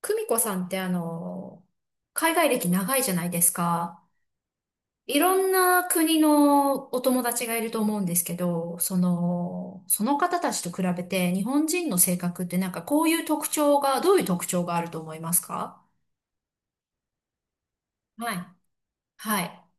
久美子さんって海外歴長いじゃないですか。いろんな国のお友達がいると思うんですけど、その方たちと比べて日本人の性格ってなんかこういう特徴が、どういう特徴があると思いますか？はい。はい。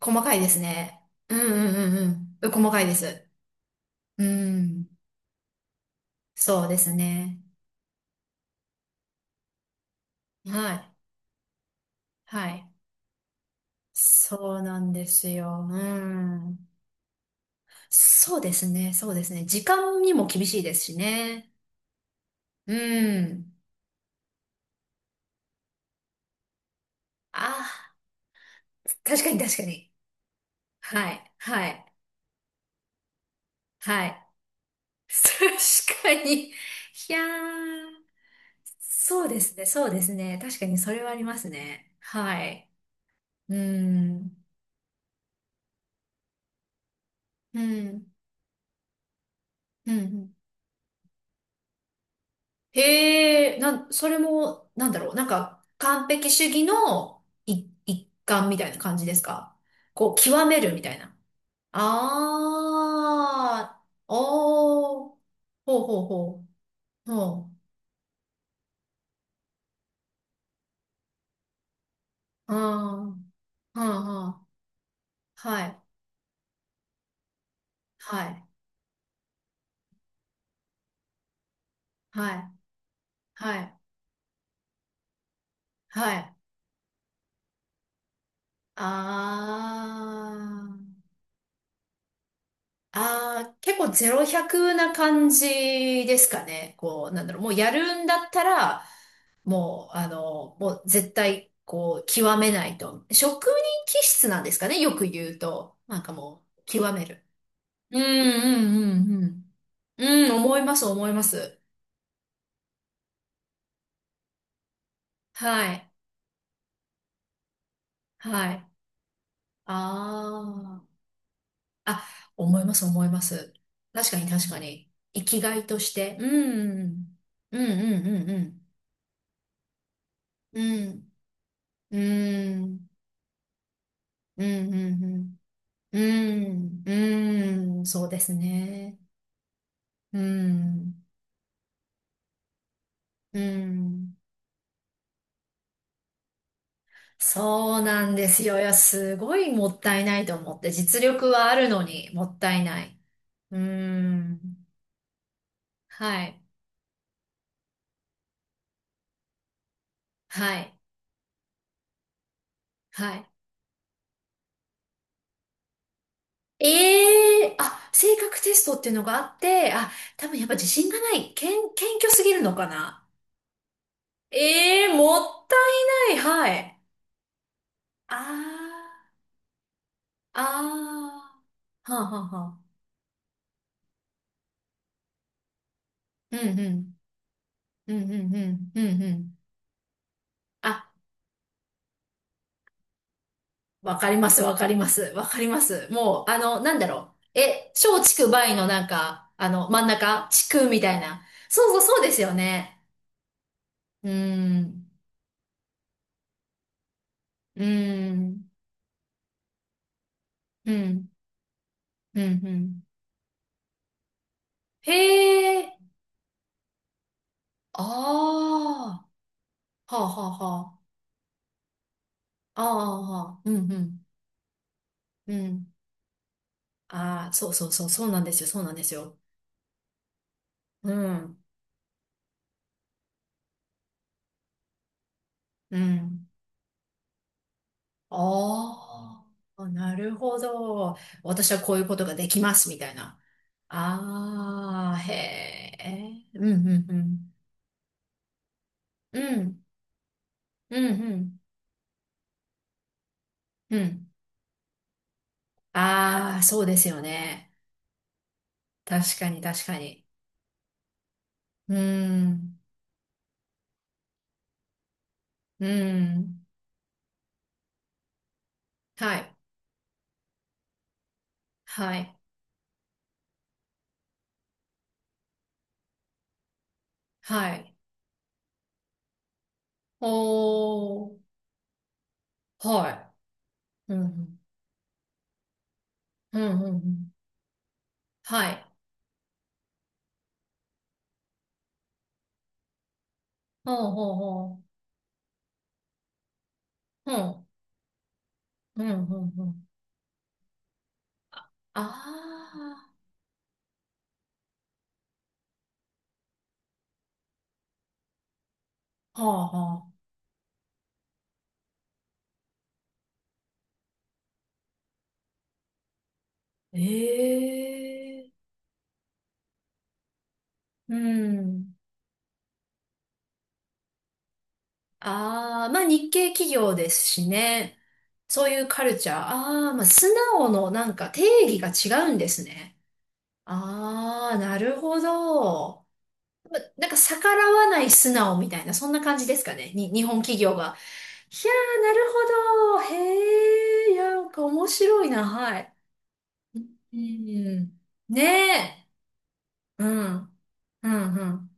細かいですね。うんうんうんうん。細かいです。うん。そうですね。はい。はい。そうなんですよ。うん。そうですね、そうですね。時間にも厳しいですしね。うん。ああ、確かに確かに。はい、はい、はい。確かに。いやー、そうですね、そうですね。確かにそれはありますね。はい。うん、うん、うん。へえ、それも、なんだろう、なんか、完璧主義の一環みたいな感じですか？こう、極めるみたいな。ああ、おー、ほうほうほう、ほう、ああ、はあ、はい、はい、はい、はい、はい、ああ、ああ、結構ゼロ百な感じですかね。こう、なんだろう、もうやるんだったら、もう、もう絶対、こう、極めないと。職人気質なんですかね、よく言うと。なんかもう、極める。うんうんうんうん。うん、思います、思います。はい、はい。ああ、あ、思います、思います。確かに、確かに。生きがいとして。うん、うん、うん、うん、うん。うん、うん、うん、うん、うん、うんそうですね。うん、うん。そうなんですよ。いや、すごいもったいないと思って。実力はあるのに、もったいない。うん、はい、はい。はいええあ、性格テストっていうのがあって、あ、多分やっぱ自信がない。謙虚すぎるのかな。ええもったいない。はい。ああ、ああ、はあ、はあ、はあ。うんうん、うん、うん、うん、うん、うん。あ、わかります、わかります、わかります。もう、あの、なんだろう。小畜梅のなんか、真ん中、地区みたいな。そうそう、そうですよね。うーん、うーん、うん、うん、うん。へえ。ああ、はあはあはあ。ああ、はあうんうん、うん。ああ、そうそうそう、そうなんですよ、そうなんですよ。うん、うん。ああ、なるほど。私はこういうことができます、みたいな。ああ、へえ、うんうんうん。うん、うんうん、うん。ああ、そうですよね。確かに、確かに。うん、うん。はい、はい、はい。おー。はい。うん。うん、うん、うん。はい。ほうほうほう。ほうん。うん、うん、うん。ああ。はあ、はあ。ええ。うん。ああ、まあ日系企業ですしね。そういうカルチャー。ああ、まあ素直のなんか定義が違うんですね。ああ、なるほど。ま、なんか逆らわない素直みたいな、そんな感じですかね。に、日本企業が。いやー、なるほど。へえ、いや、なんか面白いな。はい。うん。ねえ。うん。うん、うん。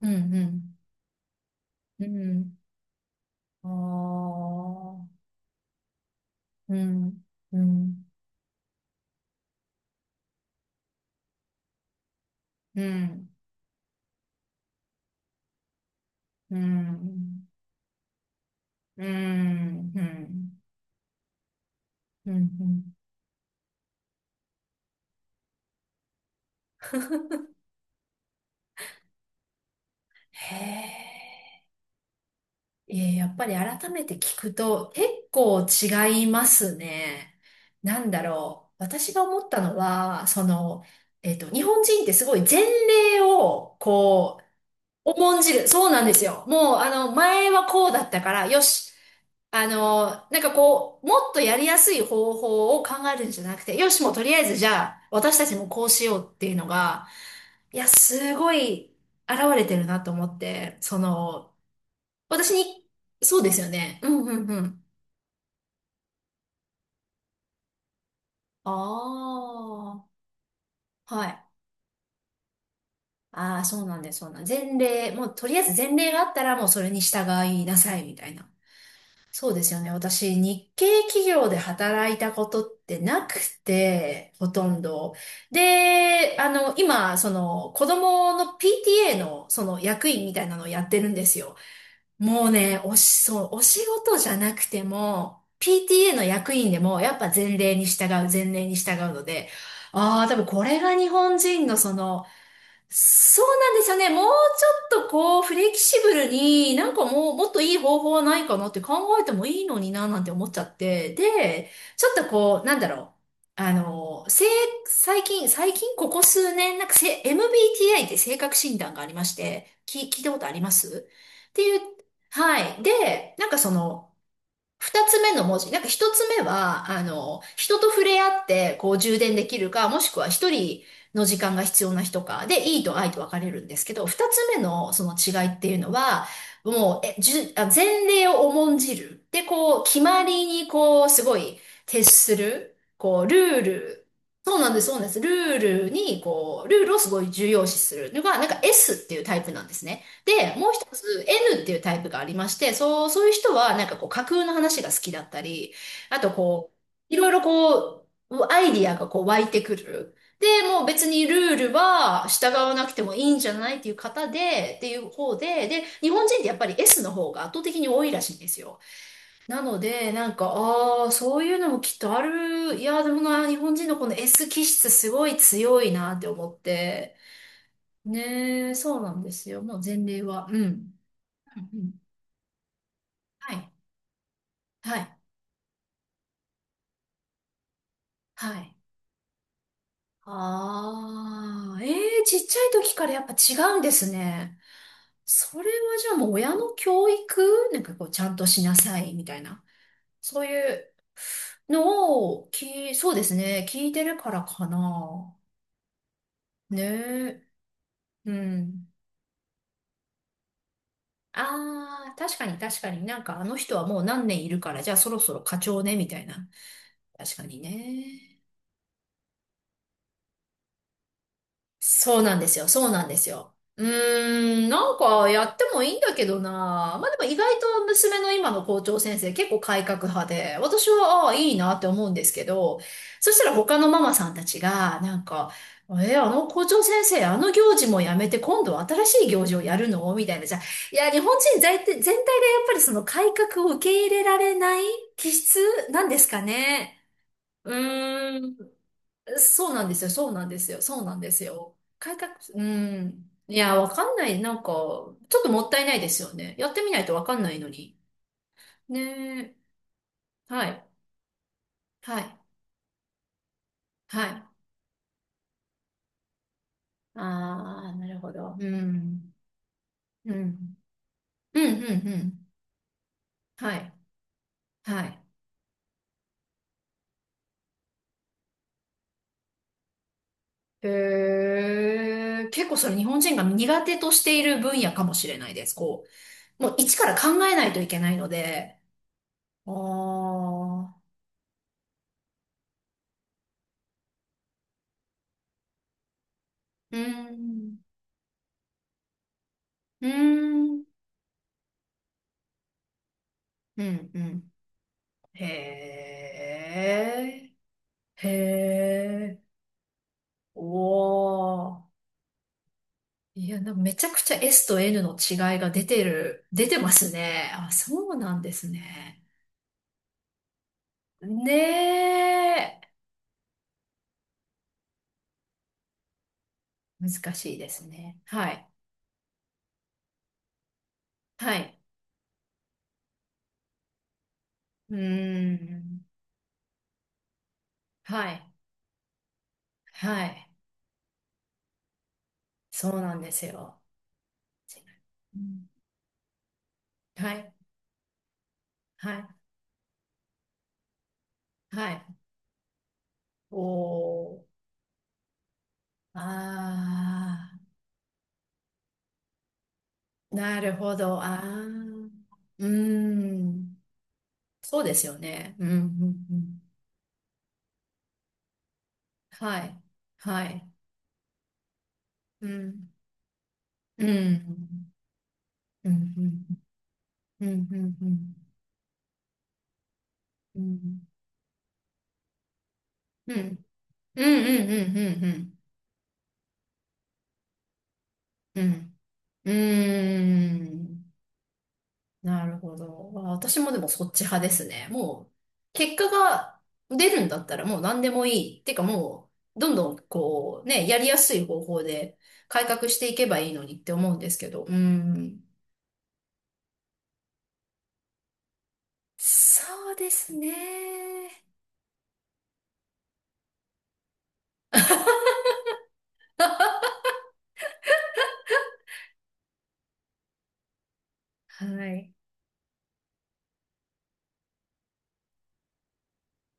うん、うん。うん。ああ。うん。うん。うん。うん。うん。うん。うん。うんへえ。やっぱり改めて聞くと結構違いますね。なんだろう。私が思ったのは、その、日本人ってすごい前例を、こう、重んじる。そうなんですよ。もう、前はこうだったから、よし。なんかこう、もっとやりやすい方法を考えるんじゃなくて、よし、もうとりあえずじゃあ、私たちもこうしようっていうのが、いや、すごい現れてるなと思って、その、私に、そうですよね。うんうんうん。ああ、はい。ああ、そうなんです、そうなんです。前例、もうとりあえず前例があったらもうそれに従いなさいみたいな。そうですよね。私、日系企業で働いたことってなくて、ほとんど。で、今、子供の PTA の、役員みたいなのをやってるんですよ。もうね、そう、お仕事じゃなくても、PTA の役員でも、やっぱ前例に従う、前例に従うので、ああ、多分これが日本人のその、そうなんですよね。もうちょっとこう、フレキシブルに、なんかもう、もっといい方法はないかなって考えてもいいのにな、なんて思っちゃって。で、ちょっとこう、なんだろう。あの、せい、最近ここ数年、なんかせ、MBTI って性格診断がありまして、聞いたことありますっていう、はい。で、なんかその、二つ目の文字。なんか一つ目は、人と触れ合って、こう充電できるか、もしくは一人の時間が必要な人か、で、いいと愛と分かれるんですけど、二つ目のその違いっていうのは、もう、え、じゅ、あ、前例を重んじる。で、こう、決まりに、こう、すごい、徹する。こう、ルール。そうなんです、そうなんです。ルールをすごい重要視するのが、なんか S っていうタイプなんですね。で、もう一つ N っていうタイプがありまして、そう、そういう人はなんかこう架空の話が好きだったり、あとこう、いろいろこう、アイディアがこう湧いてくる。で、もう別にルールは従わなくてもいいんじゃないっていう方で、で、日本人ってやっぱり S の方が圧倒的に多いらしいんですよ。なので、なんか、ああ、そういうのもきっとある。いや、でもな、日本人のこの S 気質すごい強いなって思って。ねえ、そうなんですよ。もう前例は。うん。うんうんはい、はい、はい。ああ、ええちっちゃい時からやっぱ違うんですね。それはじゃあもう親の教育なんかこうちゃんとしなさいみたいな。そういうのをそうですね。聞いてるからかな。ねえ。うん。ああ、確かに確かになんかあの人はもう何年いるからじゃあそろそろ課長ねみたいな。確かにね。そうなんですよ。そうなんですよ。うーん、なんかやってもいいんだけどな。まあでも意外と娘の今の校長先生結構改革派で、私はああ、いいなって思うんですけど、そしたら他のママさんたちが、なんか、あの校長先生、あの行事もやめて今度は新しい行事をやるのみたいな。じゃあ、いや、日本人全体がやっぱりその改革を受け入れられない気質なんですかね。うーん。そうなんですよ、そうなんですよ、そうなんですよ。改革、うん。いや、わかんない。なんか、ちょっともったいないですよね。やってみないとわかんないのに。ねえ。はい。はい。はい。ああ、なるほど。うん。うん。うん、うん、うん。はい。はい。へえ、結構それ日本人が苦手としている分野かもしれないです。こう、もう一から考えないといけないので。ああ、うん。うん。うん、うん。へえ、へえ、おー。いや、なんかめちゃくちゃ S と N の違いが出てますね。あ、そうなんですね。ねえ、難しいですね。はい、はい、うーん、はい、はい、そうなんですよ。うんはい、はい、はい、おー、あー、なるほど、あー、うーん。そうですよね。うん、うん、うん。はい。はい。うん。うん。うん。うん。うん。うん。うん。うん。うん。うん。うん。うん。うん。なるほど。私もでもそっち派ですね。もう、結果が出るんだったらもう何でもいい。ってかもう、どんどんこう、ね、やりやすい方法で改革していけばいいのにって思うんですけど。うん。そうですね。はい。